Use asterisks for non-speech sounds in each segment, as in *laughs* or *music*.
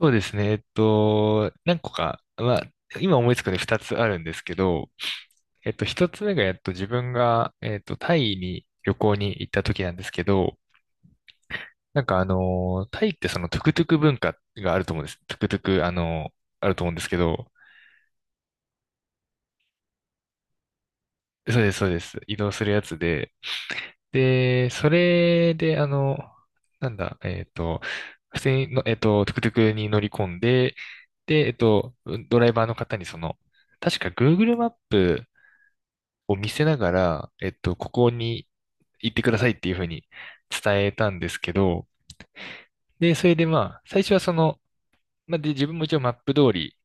そうですね。何個か、今思いつくので2つあるんですけど、1つ目が、自分が、タイに旅行に行った時なんですけど、タイってそのトゥクトゥク文化があると思うんです。トゥクトゥク、あると思うんですけど、そうです、そうです。移動するやつで、で、それで、あの、なんだ、えっと、普通にの、えっと、トゥクトゥクに乗り込んで、で、えっと、ドライバーの方にその、確か Google マップを見せながら、ここに行ってくださいっていうふうに伝えたんですけど、で、それでまあ、最初はその、まあ、で、自分も一応マップ通り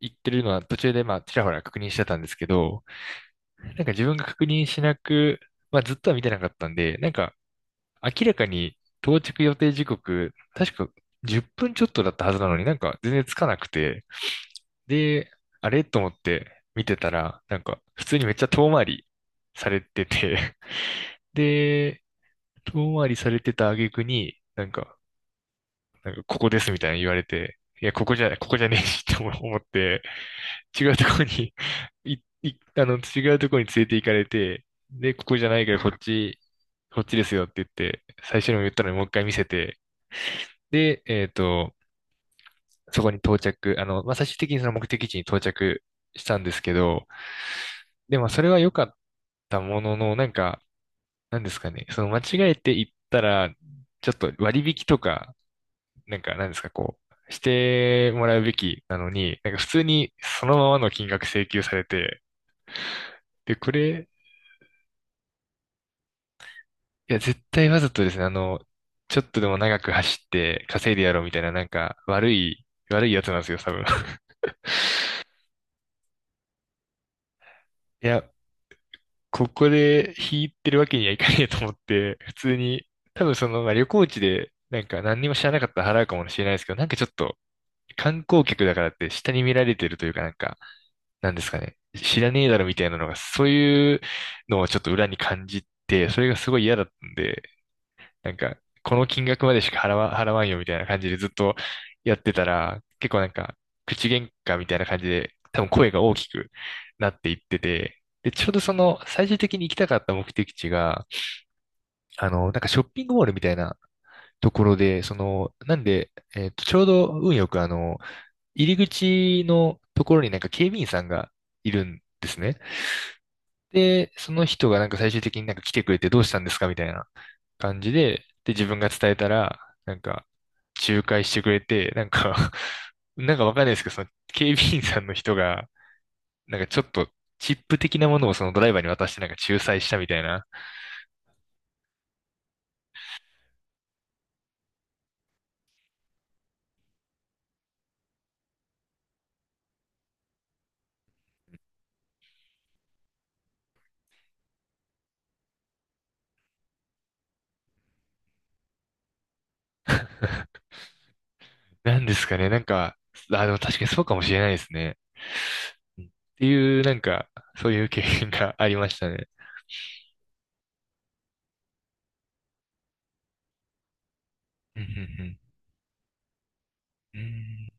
行ってるのは途中でまあ、ちらほら確認してたんですけど、なんか自分が確認しなく、まあ、ずっとは見てなかったんで、なんか明らかに到着予定時刻、確か10分ちょっとだったはずなのになんか全然つかなくて、で、あれと思って見てたら、なんか普通にめっちゃ遠回りされてて、*laughs* で、遠回りされてた挙句に、なんかここですみたいに言われて、いや、ここじゃない、ここじゃねえしって思って、違うところにい、違うところに連れて行かれて、で、ここじゃないからこっち、こっちですよって言って、最初にも言ったのにもう一回見せて、で、えっと、そこに到着、あの、まあ、最終的にその目的地に到着したんですけど、でもそれは良かったものの、なんですかね、その間違えて行ったら、ちょっと割引とか、なんですか、こう、してもらうべきなのに、なんか普通にそのままの金額請求されて、で、これ、いや、絶対わざとですね、ちょっとでも長く走って稼いでやろうみたいな、なんか、悪いやつなんですよ、多分。*laughs* いや、ここで引いてるわけにはいかねえと思って、普通に、多分その、まあ、旅行地で、なんか何にも知らなかったら払うかもしれないですけど、なんかちょっと、観光客だからって下に見られてるというかなんか、なんですかね、知らねえだろみたいなのが、そういうのをちょっと裏に感じて、それがすごい嫌だったんで、なんか、この金額までしか払わんよみたいな感じでずっとやってたら、結構なんか、口喧嘩みたいな感じで、多分声が大きくなっていってて、で、ちょうどその、最終的に行きたかった目的地が、あの、なんかショッピングモールみたいなところで、その、なんで、ちょうど運よくあの、入り口のところになんか警備員さんがいるんですね。で、その人がなんか最終的になんか来てくれてどうしたんですかみたいな感じで、で、自分が伝えたら、なんか、仲介してくれて、なんか *laughs* なんかわかんないですけど、その警備員さんの人が、なんかちょっとチップ的なものをそのドライバーに渡してなんか仲裁したみたいな。*laughs* なんですかね、なんか、あ、でも確かにそうかもしれないですね。っていう、なんか、そういう経験がありましたね。うんうんうん。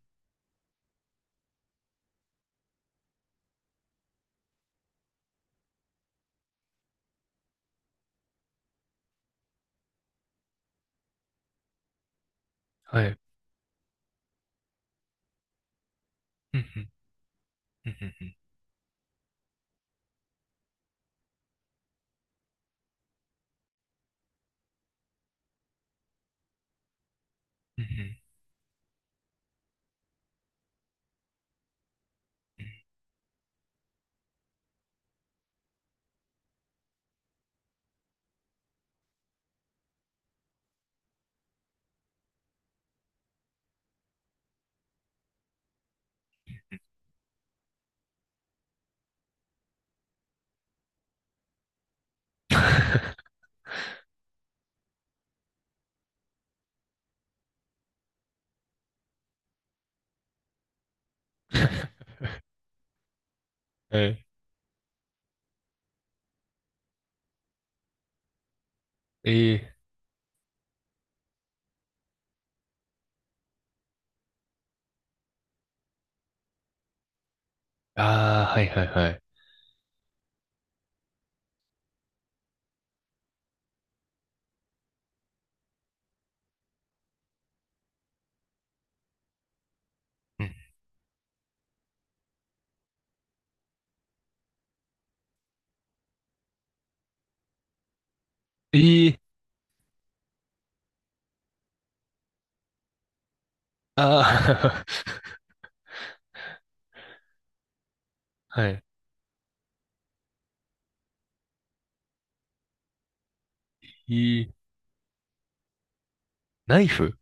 うん、はい。うんうんうんうんうんうんうん。 *laughs* はい。ええ。ああ、はいはいはい。うん。ええ、ああ、*laughs* はい。ええ、ナイフ。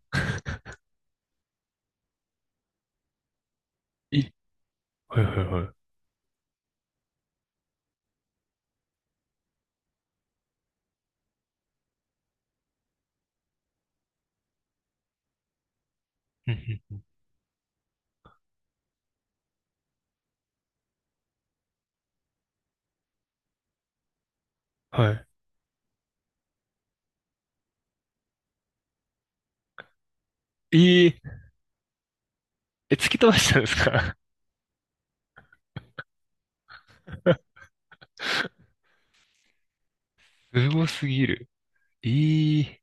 え、はいはいはい。うんうん。はい。ええ、え、突き飛ばしたんですか？ *laughs* すごすぎる。ええ、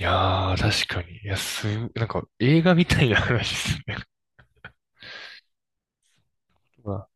いやー、確かに。なんか映画みたいな話ですね。*laughs* ま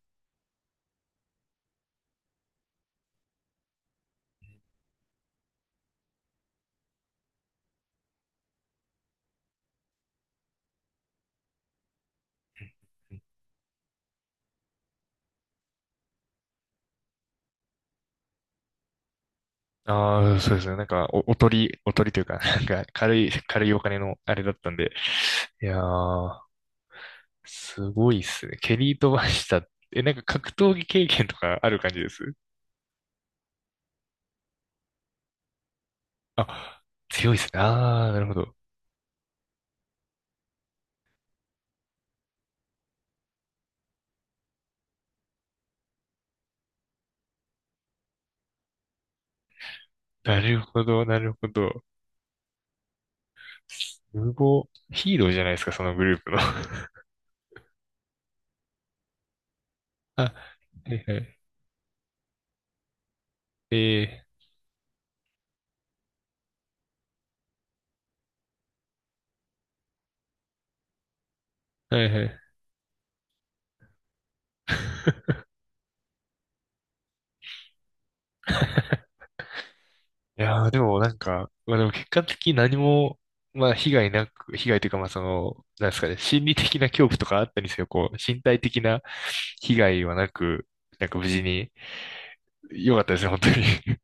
あ。ああ、そうですね。おとり、おとりというか、*laughs* なんか、軽いお金のあれだったんで。いやー、すごいっすね。蹴り飛ばした。え、なんか格闘技経験とかある感じです？あ、強いですね。ああ、なるほど。なるほど、なるほど。すごい。ヒーローじゃないですか、そのグループの。*laughs* あ、はいはい。えー、はいはい。*laughs* いやー、でもなんか、まあでも結果的に何も、まあ被害なく、被害というかまあその、なんですかね、心理的な恐怖とかあったりせよ、こう、身体的な被害はなく、なんか無事に、良かったですね、本当に。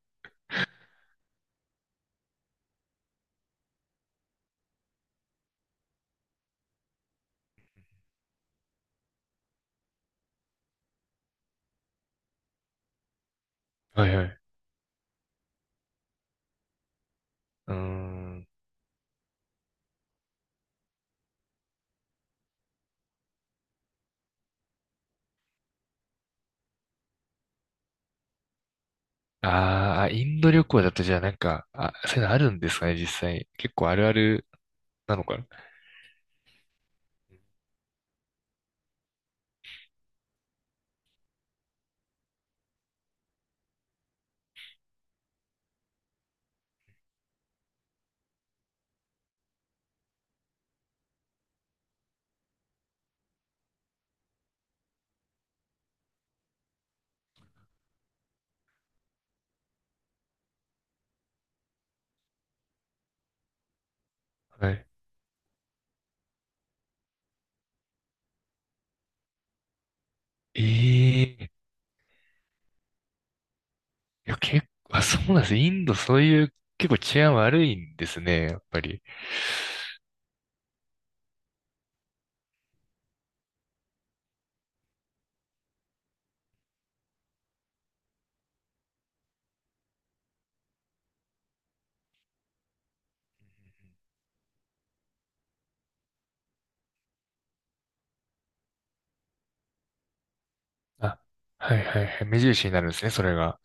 *laughs* はいはい。*laughs* うーん。ああ、インド旅行だとじゃあなんか、あ、そういうのあるんですかね、実際。結構あるあるなのかな。はい。ええ。あ、そうなんです。インドそういう結構治安悪いんですね、やっぱり。あ、はいはいはい。目印になるんですね、それが。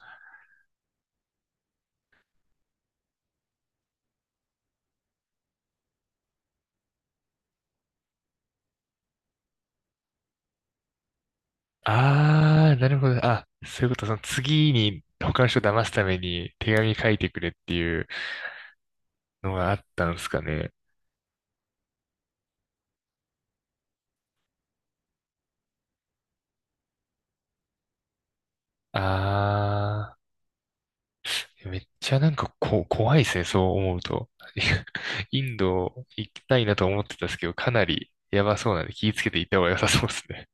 ああ、なるほど。あ、そういうこと、その次に他の人を騙すために手紙書いてくれっていうのがあったんですかね。ああ。めっちゃなんかこ、怖いですね、そう思うと。*laughs* インド行きたいなと思ってたんですけど、かなりやばそうなんで気をつけて行った方が良さそうですね。